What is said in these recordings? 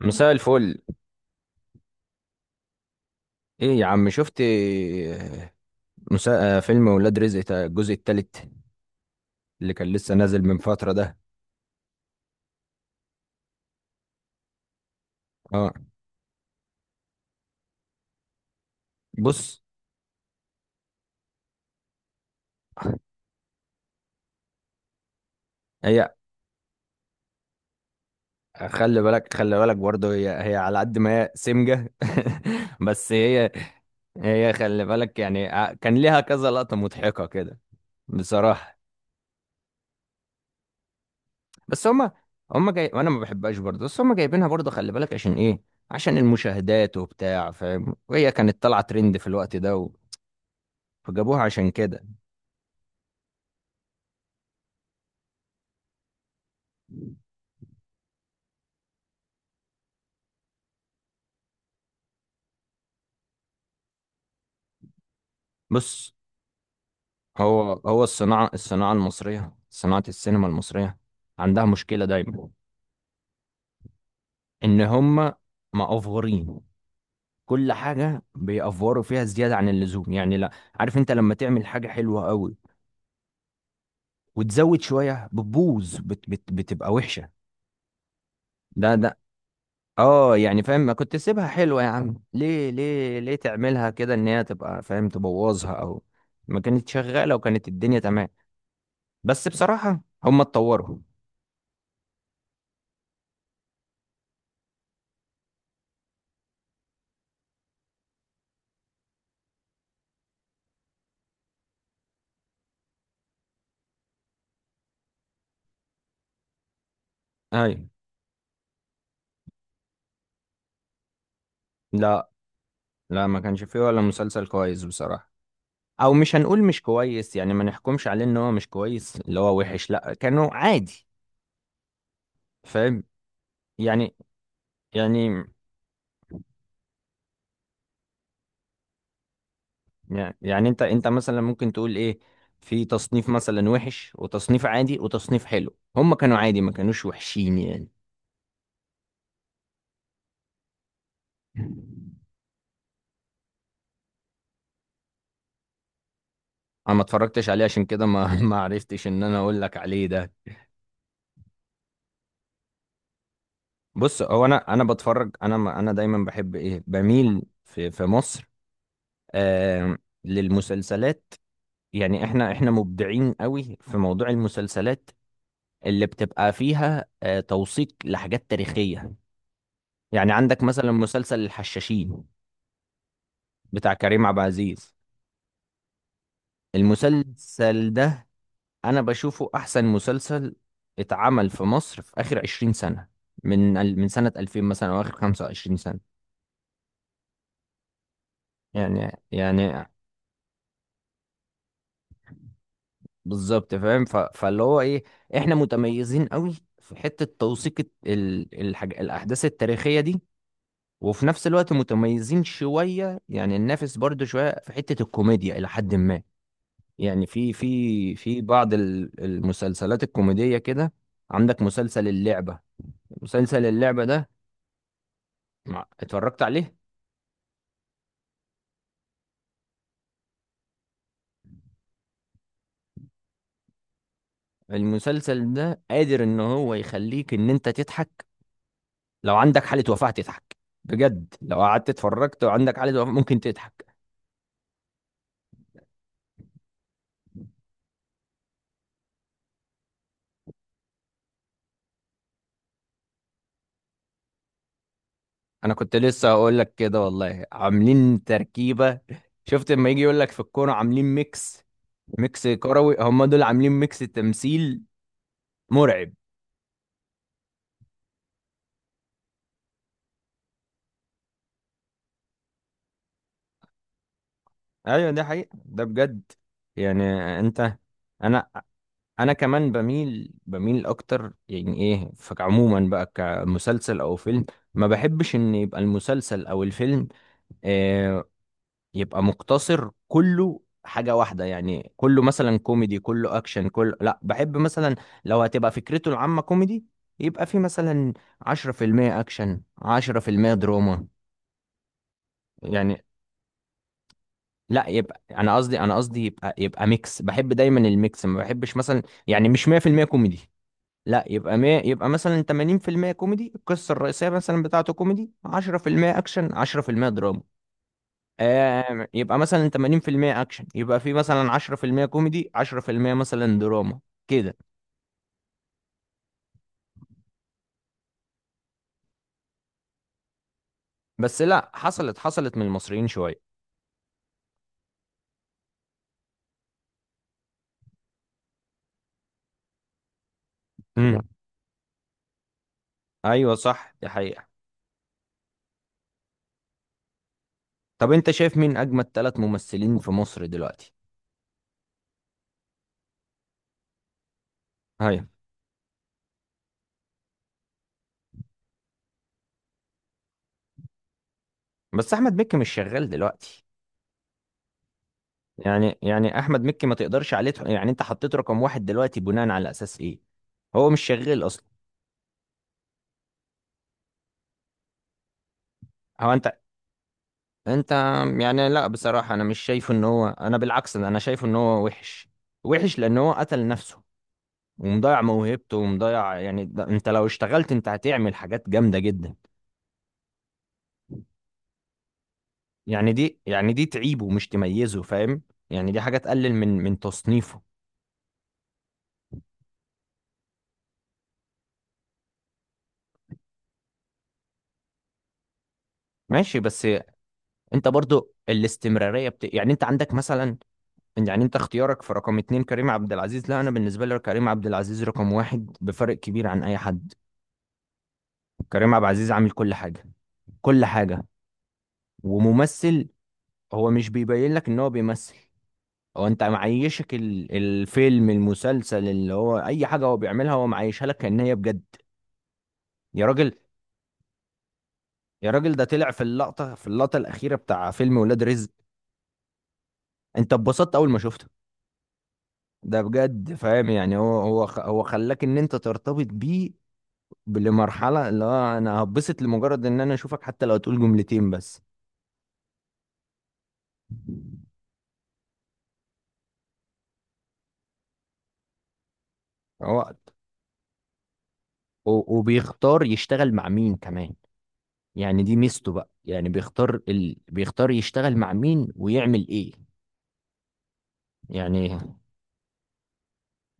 مساء الفل. ايه يا عم، شفت مساء فيلم ولاد رزق الجزء التالت اللي كان لسه نازل من فترة ده؟ اه. بص، هي خلي بالك خلي بالك برضه، هي على قد ما هي سمجة بس هي، هي خلي بالك يعني، كان ليها كذا لقطة مضحكة كده بصراحة. بس هما، هما جاي وانا ما بحبهاش برضه، بس هما جايبينها برضه، خلي بالك عشان ايه؟ عشان المشاهدات وبتاع، فاهم، وهي كانت طالعة ترند في الوقت ده فجابوها عشان كده. بص، هو الصناعة، المصرية، صناعة السينما المصرية عندها مشكلة دايما، إن هم مأفورين. كل حاجة بيأفوروا فيها زيادة عن اللزوم. يعني لا، عارف أنت لما تعمل حاجة حلوة قوي وتزود شوية بتبوظ، بت بت بتبقى وحشة. ده اه، يعني فاهم؟ ما كنت سيبها حلوة يا عم، ليه ليه تعملها كده إن هي تبقى، فاهم، تبوظها؟ أو ما كانت شغالة وكانت الدنيا تمام. بس بصراحة هم اتطوروا. أيوة. لا، لا ما كانش فيه ولا مسلسل كويس بصراحة، او مش هنقول مش كويس، يعني ما نحكمش عليه ان هو مش كويس اللي هو وحش، لا كانوا عادي، فاهم يعني. يعني يعني انت، مثلا ممكن تقول ايه، في تصنيف مثلا وحش وتصنيف عادي وتصنيف حلو، هم كانوا عادي ما كانوش وحشين يعني. انا ما اتفرجتش عليه عشان كده ما ما عرفتش ان انا اقول لك عليه ده. بص، هو انا، بتفرج انا، انا دايما بحب ايه، بميل في في مصر آه للمسلسلات. يعني احنا، مبدعين قوي في موضوع المسلسلات اللي بتبقى فيها توثيق لحاجات تاريخية. يعني عندك مثلا مسلسل الحشاشين بتاع كريم عبد العزيز. المسلسل ده انا بشوفه احسن مسلسل اتعمل في مصر في اخر 20 سنة، من من سنة 2000 مثلا، او اخر 25 سنة يعني. يعني بالظبط، فاهم، فاللي هو ايه، احنا متميزين قوي في حتة توثيق الاحداث التاريخية دي، وفي نفس الوقت متميزين شوية، يعني ننافس برضو شوية في حتة الكوميديا إلى حد ما، يعني في بعض المسلسلات الكوميدية كده. عندك مسلسل اللعبة، مسلسل اللعبة ده اتفرجت عليه؟ المسلسل ده قادر ان هو يخليك ان انت تضحك لو عندك حالة وفاة، تضحك بجد لو قعدت اتفرجت وعندك حالة وفاة ممكن تضحك. انا كنت لسه هقول لك كده والله، عاملين تركيبة. شفت لما يجي يقول لك في الكورة عاملين ميكس؟ ميكس كروي، هم دول عاملين ميكس تمثيل مرعب. ايوه ده حقيقة، ده بجد يعني. انت، انا، كمان بميل، اكتر يعني ايه، فعموما بقى كمسلسل او فيلم، ما بحبش ان يبقى المسلسل او الفيلم آه يبقى مقتصر كله حاجة واحدة، يعني كله مثلا كوميدي كله اكشن، كله لا، بحب مثلا لو هتبقى فكرته العامة كوميدي يبقى في مثلا 10% اكشن 10% دراما يعني. لا، يبقى انا قصدي، يبقى، ميكس، بحب دايما الميكس. ما بحبش مثلا، يعني مش 100% كوميدي، لا يبقى، ما يبقى مثلا 80% كوميدي، القصه الرئيسيه مثلا بتاعته كوميدي 10% اكشن 10% دراما. آه، يبقى مثلا 80% اكشن يبقى في مثلا 10% كوميدي 10% مثلا دراما كده. بس لا، حصلت، حصلت من المصريين شويه. امم. ايوه صح، دي حقيقه. طب انت شايف مين اجمد 3 ممثلين في مصر دلوقتي؟ ايوه. بس احمد مكي مش شغال دلوقتي. يعني، احمد مكي ما تقدرش عليه، يعني انت حطيت رقم 1 دلوقتي بناء على اساس ايه؟ هو مش شغال اصلا. هو انت، انت يعني، لا بصراحة انا مش شايفه ان هو، انا بالعكس انا شايفه ان هو وحش، وحش لان هو قتل نفسه، ومضيع موهبته ومضيع يعني. ده انت لو اشتغلت انت هتعمل حاجات جامدة جدا. يعني دي، يعني دي تعيبه مش تميزه، فاهم، يعني دي حاجة تقلل من تصنيفه. ماشي، بس انت برضو الاستمرارية يعني انت عندك مثلا، يعني انت اختيارك في رقم 2 كريم عبد العزيز. لا، انا بالنسبه لي كريم عبد العزيز رقم 1 بفرق كبير عن اي حد. كريم عبد العزيز عامل كل حاجه، كل حاجه. وممثل، هو مش بيبين لك ان هو بيمثل، هو انت معيشك الفيلم، المسلسل، اللي هو اي حاجه هو بيعملها هو معيشها لك كأن هي بجد. يا راجل، يا راجل ده طلع في اللقطه، في اللقطه الاخيره بتاع فيلم ولاد رزق، انت اتبسطت اول ما شفته. ده بجد، فاهم يعني. هو، هو خلاك ان انت ترتبط بيه لمرحلة اللي هو انا هبسط لمجرد ان انا اشوفك حتى لو هتقول جملتين بس. وقت، و- وبيختار يشتغل مع مين كمان. يعني دي ميزته بقى، يعني بيختار بيختار يشتغل مع مين ويعمل ايه. يعني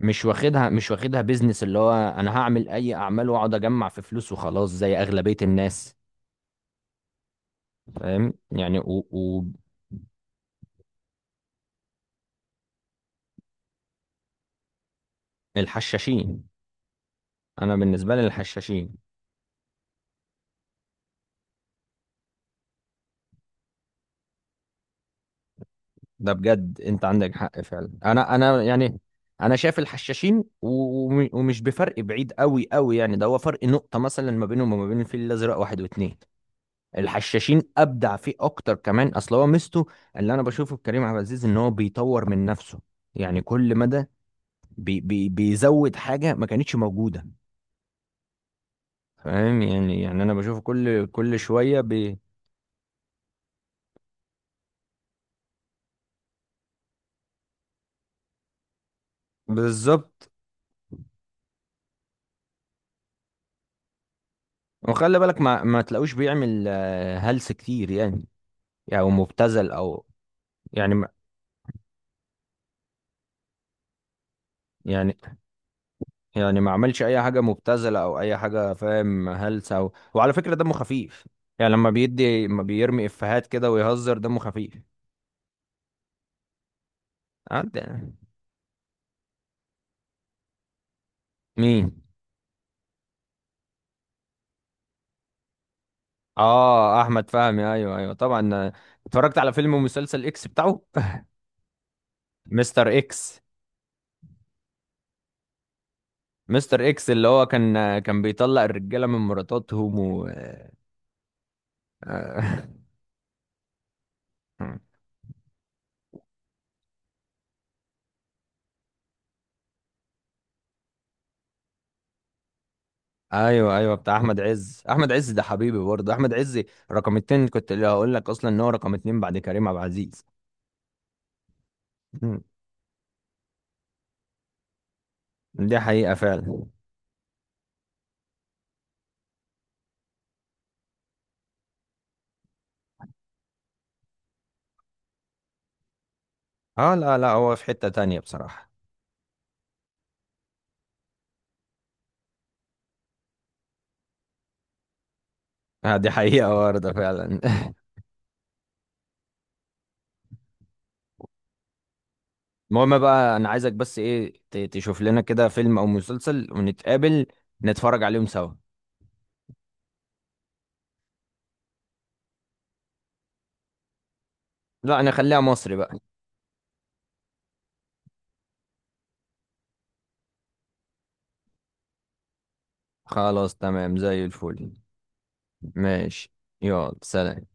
مش واخدها، مش واخدها بيزنس اللي هو انا هعمل اي اعمال واقعد اجمع في فلوس وخلاص زي اغلبية الناس. فاهم يعني الحشاشين. انا بالنسبة لي الحشاشين. ده بجد انت عندك حق فعلا. انا، يعني انا شايف الحشاشين، ومش بفرق بعيد قوي قوي يعني، ده هو فرق نقطة مثلا ما بينهم وما بين الفيل الازرق 1 و2. الحشاشين ابدع فيه اكتر كمان. اصل هو ميزته اللي انا بشوفه في كريم عبد العزيز ان هو بيطور من نفسه، يعني كل مدى بي بي بيزود حاجة ما كانتش موجودة. فاهم يعني، يعني انا بشوفه كل، شوية بي، بالظبط. وخلي بالك ما، تلاقوش بيعمل هلس كتير يعني، او يعني مبتذل او يعني ما، يعني، ما عملش اي حاجه مبتذله او اي حاجه، فاهم، هلسه وعلى فكره دمه خفيف. يعني لما بيدي، ما بيرمي افيهات كده ويهزر، دمه خفيف. عاد يعني. مين؟ اه احمد فهمي، ايوه ايوه طبعا. اتفرجت على فيلم ومسلسل اكس بتاعه. مستر اكس. مستر اكس اللي هو كان، كان بيطلق الرجاله من مراتاتهم و ايوه ايوه، بتاع احمد عز. احمد عز ده حبيبي برضه احمد عز، رقم 2. كنت اللي هقول لك اصلا ان هو رقم 2 بعد كريم عبد العزيز. مم. دي حقيقه فعلا. اه لا لا، هو في حته تانية بصراحه. آه، دي حقيقه برضه فعلا. المهم بقى، انا عايزك بس ايه، تشوف لنا كده فيلم او مسلسل ونتقابل نتفرج عليهم سوا. لا انا خليها مصري بقى. خلاص تمام زي الفل. ماشي، يلا سلام.